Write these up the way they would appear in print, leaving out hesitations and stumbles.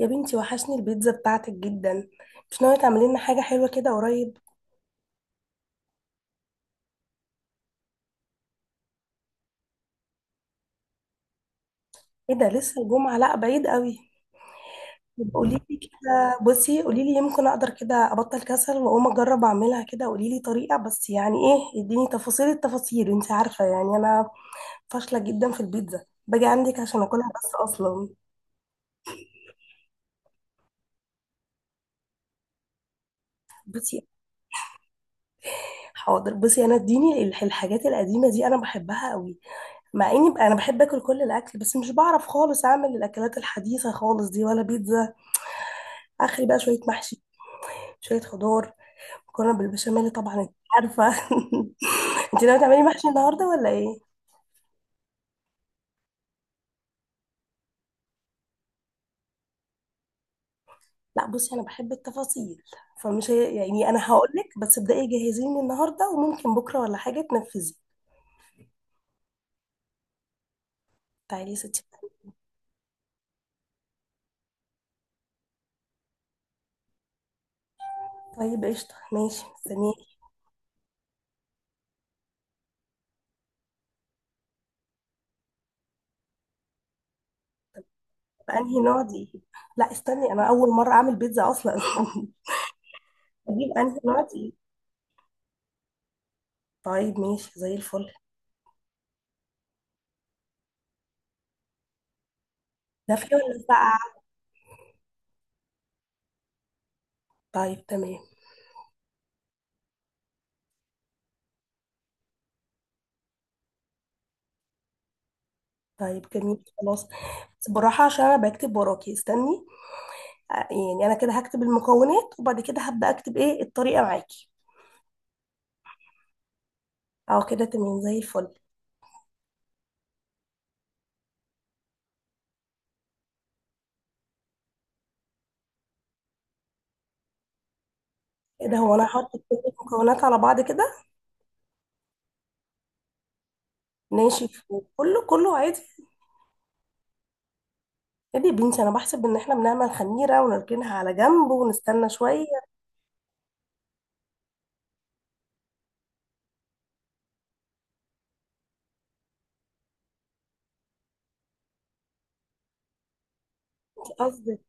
يا بنتي وحشني البيتزا بتاعتك جدا. مش ناوية تعملي لنا حاجة حلوة كده قريب؟ ايه ده، لسه الجمعة؟ لا بعيد قوي. يبقى قولي لي كده، بصي قولي لي، يمكن اقدر كده ابطل كسل واقوم اجرب اعملها، كده قولي لي طريقة بس، يعني ايه اديني تفاصيل التفاصيل، انت عارفة يعني انا فاشلة جدا في البيتزا، باجي عندك عشان اكلها بس اصلا. بصي حاضر بصي، انا اديني الحاجات القديمة دي انا بحبها قوي. مع اني بقى انا بحب اكل كل الاكل، بس مش بعرف خالص اعمل الاكلات الحديثة خالص دي ولا بيتزا اخري، بقى شويه محشي، شويه خضار، مكرونه بالبشاميل طبعا انت عارفه. انت ناويه تعملي محشي النهارده ولا ايه؟ لا بصي انا بحب التفاصيل، فمش هي يعني انا هقول لك بس، ابداي جهزيني النهارده وممكن بكره ولا حاجه تنفذي. تعالي يا ستي. طيب قشطه ماشي مستنيك. بأنهي نوع دي؟ لا استني، انا اول مره اعمل بيتزا اصلا. اجيب انهي نوع دي؟ طيب ماشي زي الفل. دافيه ولا ساقعه؟ طيب تمام. طيب جميل خلاص. بس بالراحه عشان انا بكتب وراكي، استني، يعني انا كده هكتب المكونات وبعد كده هبدا اكتب ايه الطريقه معاكي. اه كده تمام زي الفل. ايه ده، هو انا هحط كل المكونات على بعض كده، ناشف، وكله كله عادي؟ ايه دي يا بنتي، انا بحسب ان احنا بنعمل خميره ونركنها على جنب ونستنى شويه. انت قصدك؟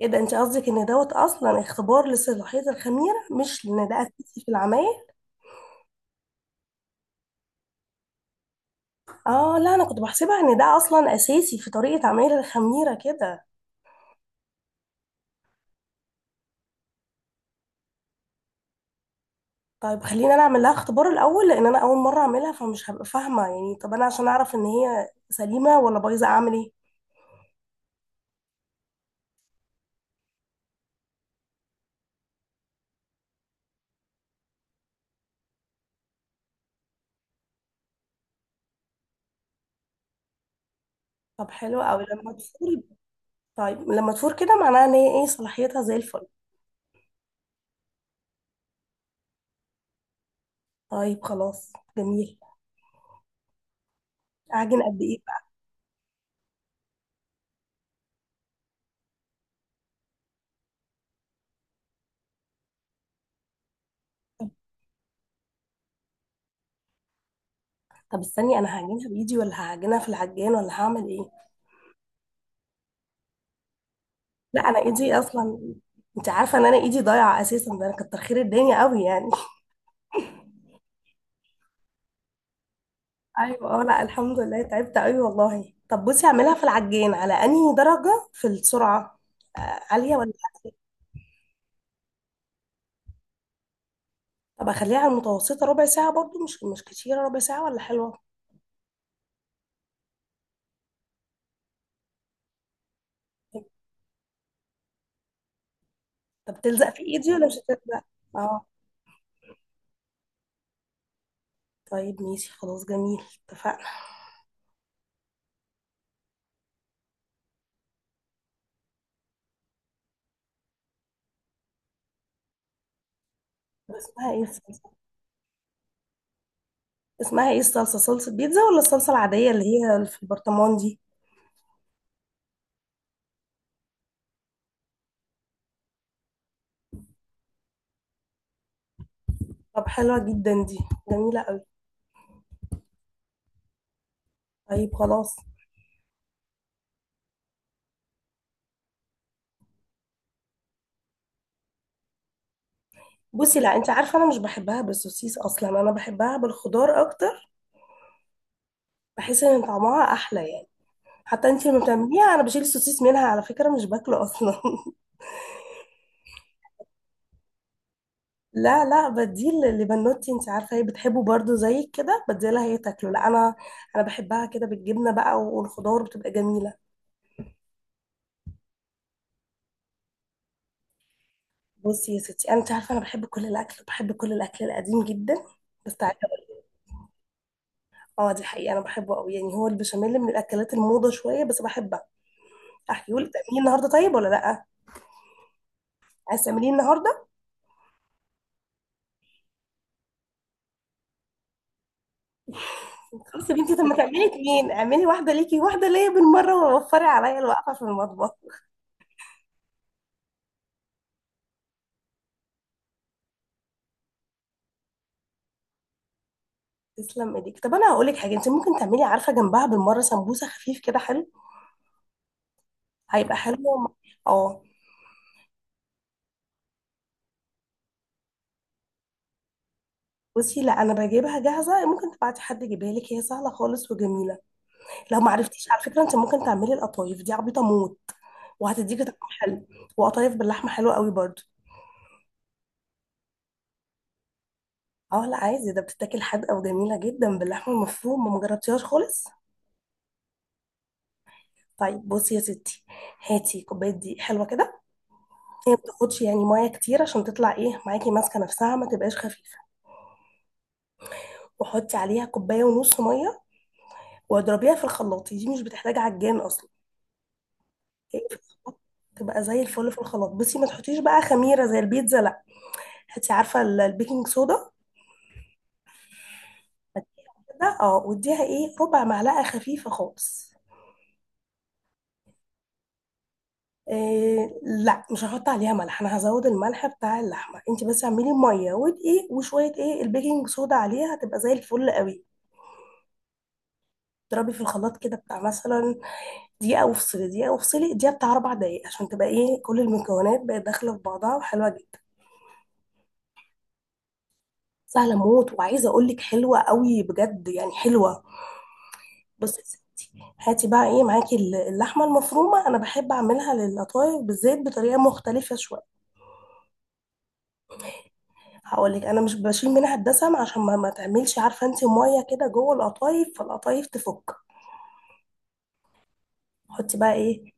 ايه ده، انت قصدك ان دوت اصلا اختبار لصلاحيه الخميره، مش ان ده اساسي في العمايل؟ اه لا، انا كنت بحسبها ان ده اصلا اساسي في طريقه عمايل الخميره كده. طيب خلينا انا اعمل لها اختبار الاول، لان انا اول مره اعملها فمش هبقى فاهمه، يعني طب انا عشان اعرف ان هي سليمه ولا بايظه اعمل ايه؟ طب حلو قوي لما تفور. طيب لما تفور كده معناها ان هي ايه، صلاحيتها زي الفل. طيب خلاص جميل. اعجن قد ايه بقى؟ طب طب استني، انا هعجنها بايدي ولا هعجنها في العجان ولا هعمل ايه؟ لا انا ايدي اصلا، انت عارفه ان انا ايدي ضايعه اساسا، ده انا كتر خير الدنيا قوي يعني. ايوه اه، لا الحمد لله تعبت قوي والله. طب بصي، اعملها في العجين على انهي درجه في السرعه؟ عاليه ولا عالية؟ طب اخليها على المتوسطه. ربع ساعه برضو مش كتيره؟ ربع ساعه ولا حلوه؟ طب تلزق في ايدي ولا مش هتلزق؟ اه طيب ماشي خلاص جميل، اتفقنا. طب اسمها ايه الصلصه؟ اسمها ايه الصلصه، صلصه بيتزا ولا الصلصه العاديه اللي هي في البرطمان دي؟ طب حلوه جدا دي، جميله قوي. طيب خلاص. بصي لا، انت عارفه انا مش بحبها بالسوسيس اصلا، انا بحبها بالخضار اكتر. بحس ان طعمها احلى يعني. حتى انت لما بتعمليها انا بشيل السوسيس منها على فكره، مش باكله اصلا. لا لا، بديه لبنوتي، انت عارفه هي بتحبه برضو زي كده، بديه لها هي تاكله لا انا. انا بحبها كده بالجبنه بقى، والخضار بتبقى جميله. بصي يا ستي، انت عارفه انا بحب كل الاكل، بحب كل الاكل القديم جدا، بس تعالى. اه دي حقيقه انا بحبه قوي، يعني هو البشاميل من الاكلات الموضه شويه بس بحبها. احكيهولك تعمليه النهارده طيب ولا لا؟ عايز تعمليه النهارده؟ بس يا بنتي، طب ما تعملي اتنين، اعملي واحدة ليكي واحدة ليا بالمرة، ووفري عليا الوقفة في المطبخ. تسلم ايديك. طب انا هقول لك حاجة، انت ممكن تعملي عارفة جنبها بالمرة سمبوسة خفيف كده حلو. هيبقى حلو. اه. بصي لا، انا بجيبها جاهزة، ممكن تبعتي حد يجيبها لك، هي سهلة خالص وجميلة. لو ما عرفتيش، على فكرة انت ممكن تعملي القطايف دي، عبيطة موت، وهتديكي طعم حلو. وقطايف باللحمة حلوة قوي برضو. اه لا عايزة ده، بتتاكل حادقة وجميلة جدا باللحمة المفرومة، ما مجربتيهاش خالص؟ طيب بصي يا ستي، هاتي كوباية دقيق حلوة كده. هي ما بتاخدش يعني ميه كتير، عشان تطلع ايه معاكي ماسكه نفسها ما تبقاش خفيفه. وحطي عليها كوبايه ونص ميه، واضربيها في الخلاط، دي مش بتحتاج عجان اصلا. هي في الخلاط تبقى زي الفل. في الخلاط بصي، ما تحطيش بقى خميره زي البيتزا لا. هاتي عارفه البيكنج صودا ده. اه، واديها ايه، ربع معلقه خفيفه خالص. إيه لا مش هحط عليها ملح، انا هزود الملح بتاع اللحمه، انت بس اعملي ميه ودقيق وشويه ايه، البيكنج صودا عليها، هتبقى زي الفل قوي. اضربي في الخلاط كده، بتاع مثلا دقيقة وفصلي، دقيقة وفصلي، دقيقة، بتاع أربع دقايق، عشان تبقى إيه، كل المكونات بقت داخلة في بعضها وحلوة جدا. سهلة موت، وعايزة أقول لك حلوة قوي بجد، يعني حلوة. بصي يا ستي، هاتي بقى إيه معاكي اللحمة المفرومة. أنا بحب أعملها للقطايف بالزيت بطريقة مختلفة شوية. هقول لك، أنا مش بشيل منها الدسم، عشان ما تعملش عارفة أنت مية كده جوه القطايف فالقطايف تفك. حطي بقى إيه،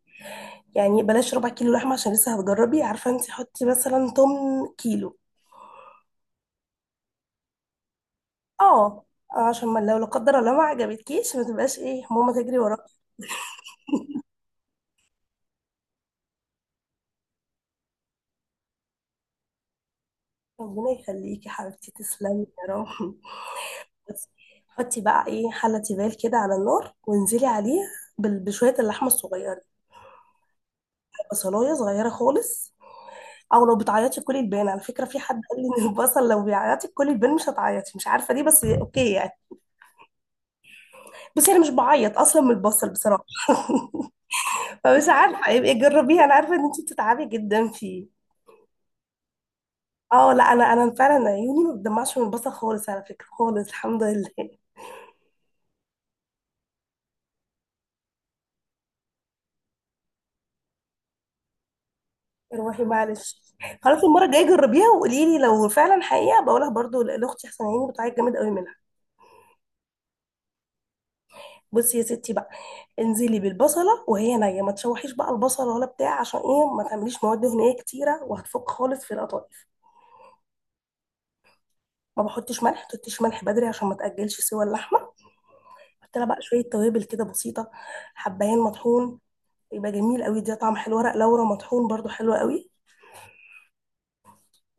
يعني بلاش ربع كيلو لحمة عشان لسه هتجربي عارفة أنت، حطي مثلا تمن كيلو. اه، عشان ما لو لا قدر الله ما عجبتكيش ما تبقاش ايه، ماما تجري وراكي. ربنا يخليكي يا حبيبتي، تسلمي يا رب. بس حطي بقى ايه، حلة تيفال كده على النار، وانزلي عليه بشوية اللحمة الصغيرة. بصلاية صغيرة خالص. او لو بتعيطي كلي البان، على فكرة في حد قال لي ان البصل لو بيعيطي كلي البان مش هتعيطي، مش عارفة ليه، بس اوكي يعني. بس انا مش بعيط اصلا من البصل بصراحة، فمش عارفة، يبقى جربيه، انا عارفة ان انت بتتعبي جدا فيه. اه لا، انا فعلا عيوني ما بتدمعش من البصل خالص على فكره خالص الحمد لله. روحي معلش. خلاص المره الجايه جربيها وقولي لي لو فعلا حقيقه، بقولها برضو لاختي، احسن عيني بتعيط جامد قوي منها. بصي يا ستي بقى، انزلي بالبصله وهي نيه، ما تشوحيش بقى البصله ولا بتاع، عشان ايه، ما تعمليش مواد دهنيه كتيره وهتفك خالص في القطايف. ما بحطش ملح، ما تحطيش ملح بدري عشان ما تاجلش سوى اللحمه. حط لها بقى شويه توابل كده بسيطه. حبايين مطحون، يبقى جميل قوي ده، طعم حلو. ورق لورا مطحون برضو حلو قوي.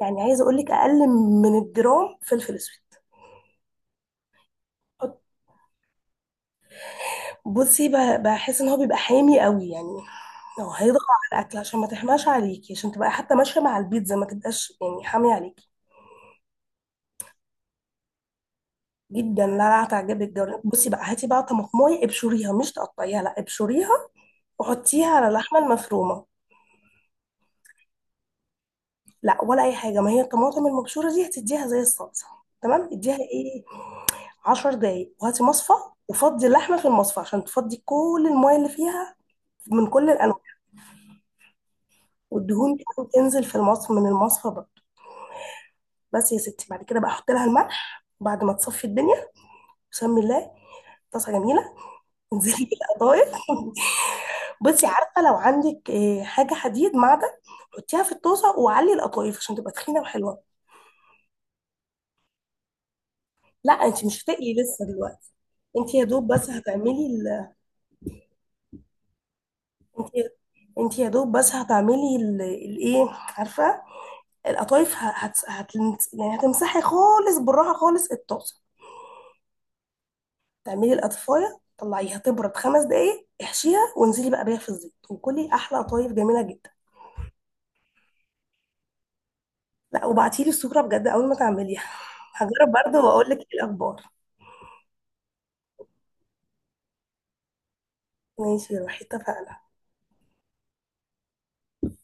يعني عايزه اقول لك اقل من الجرام فلفل اسود. حط- بصي بحس ان هو بيبقى حامي قوي يعني، لو هيضغط على الاكل، عشان ما تحماش عليكي، عشان تبقى حتى ماشيه مع البيتزا، ما تبقاش يعني حامي عليكي. جدا. لا لا، هتعجبك جدا. بصي بقى، هاتي بقى طماطمايه ابشريها، مش تقطعيها لا ابشريها، وحطيها على اللحمه المفرومه. لا ولا اي حاجه، ما هي الطماطم المبشوره دي هتديها زي الصلصه. تمام اديها ايه، 10 دقايق، وهاتي مصفى وفضي اللحمه في المصفى عشان تفضي كل المايه اللي فيها من كل الانواع. والدهون دي تنزل في المصفى. من المصفى بقى، بس يا ستي، بعد كده بقى احط لها الملح بعد ما تصفي الدنيا. بسم الله. طاسه جميله. انزلي بالقطايف. بصي عارفه، لو عندك حاجه حديد معدن حطيها في الطاسه وعلي القطايف عشان تبقى تخينه وحلوه. لا انت مش هتقلي لسه دلوقتي. انت يا دوب بس هتعملي ال... انت، انت يا دوب بس هتعملي ال- الايه عارفه، القطايف يعني هتمسحي خالص بالراحه خالص الطاسه. تعملي القطفايه، طلعيها تبرد خمس دقايق، احشيها وانزلي بقى بيها في الزيت، وكلي احلى قطايف جميله جدا. لا وبعتيلي الصوره بجد اول ما تعمليها. هجرب برضه واقول لك ايه الاخبار. ماشي يا روحي اتفقنا.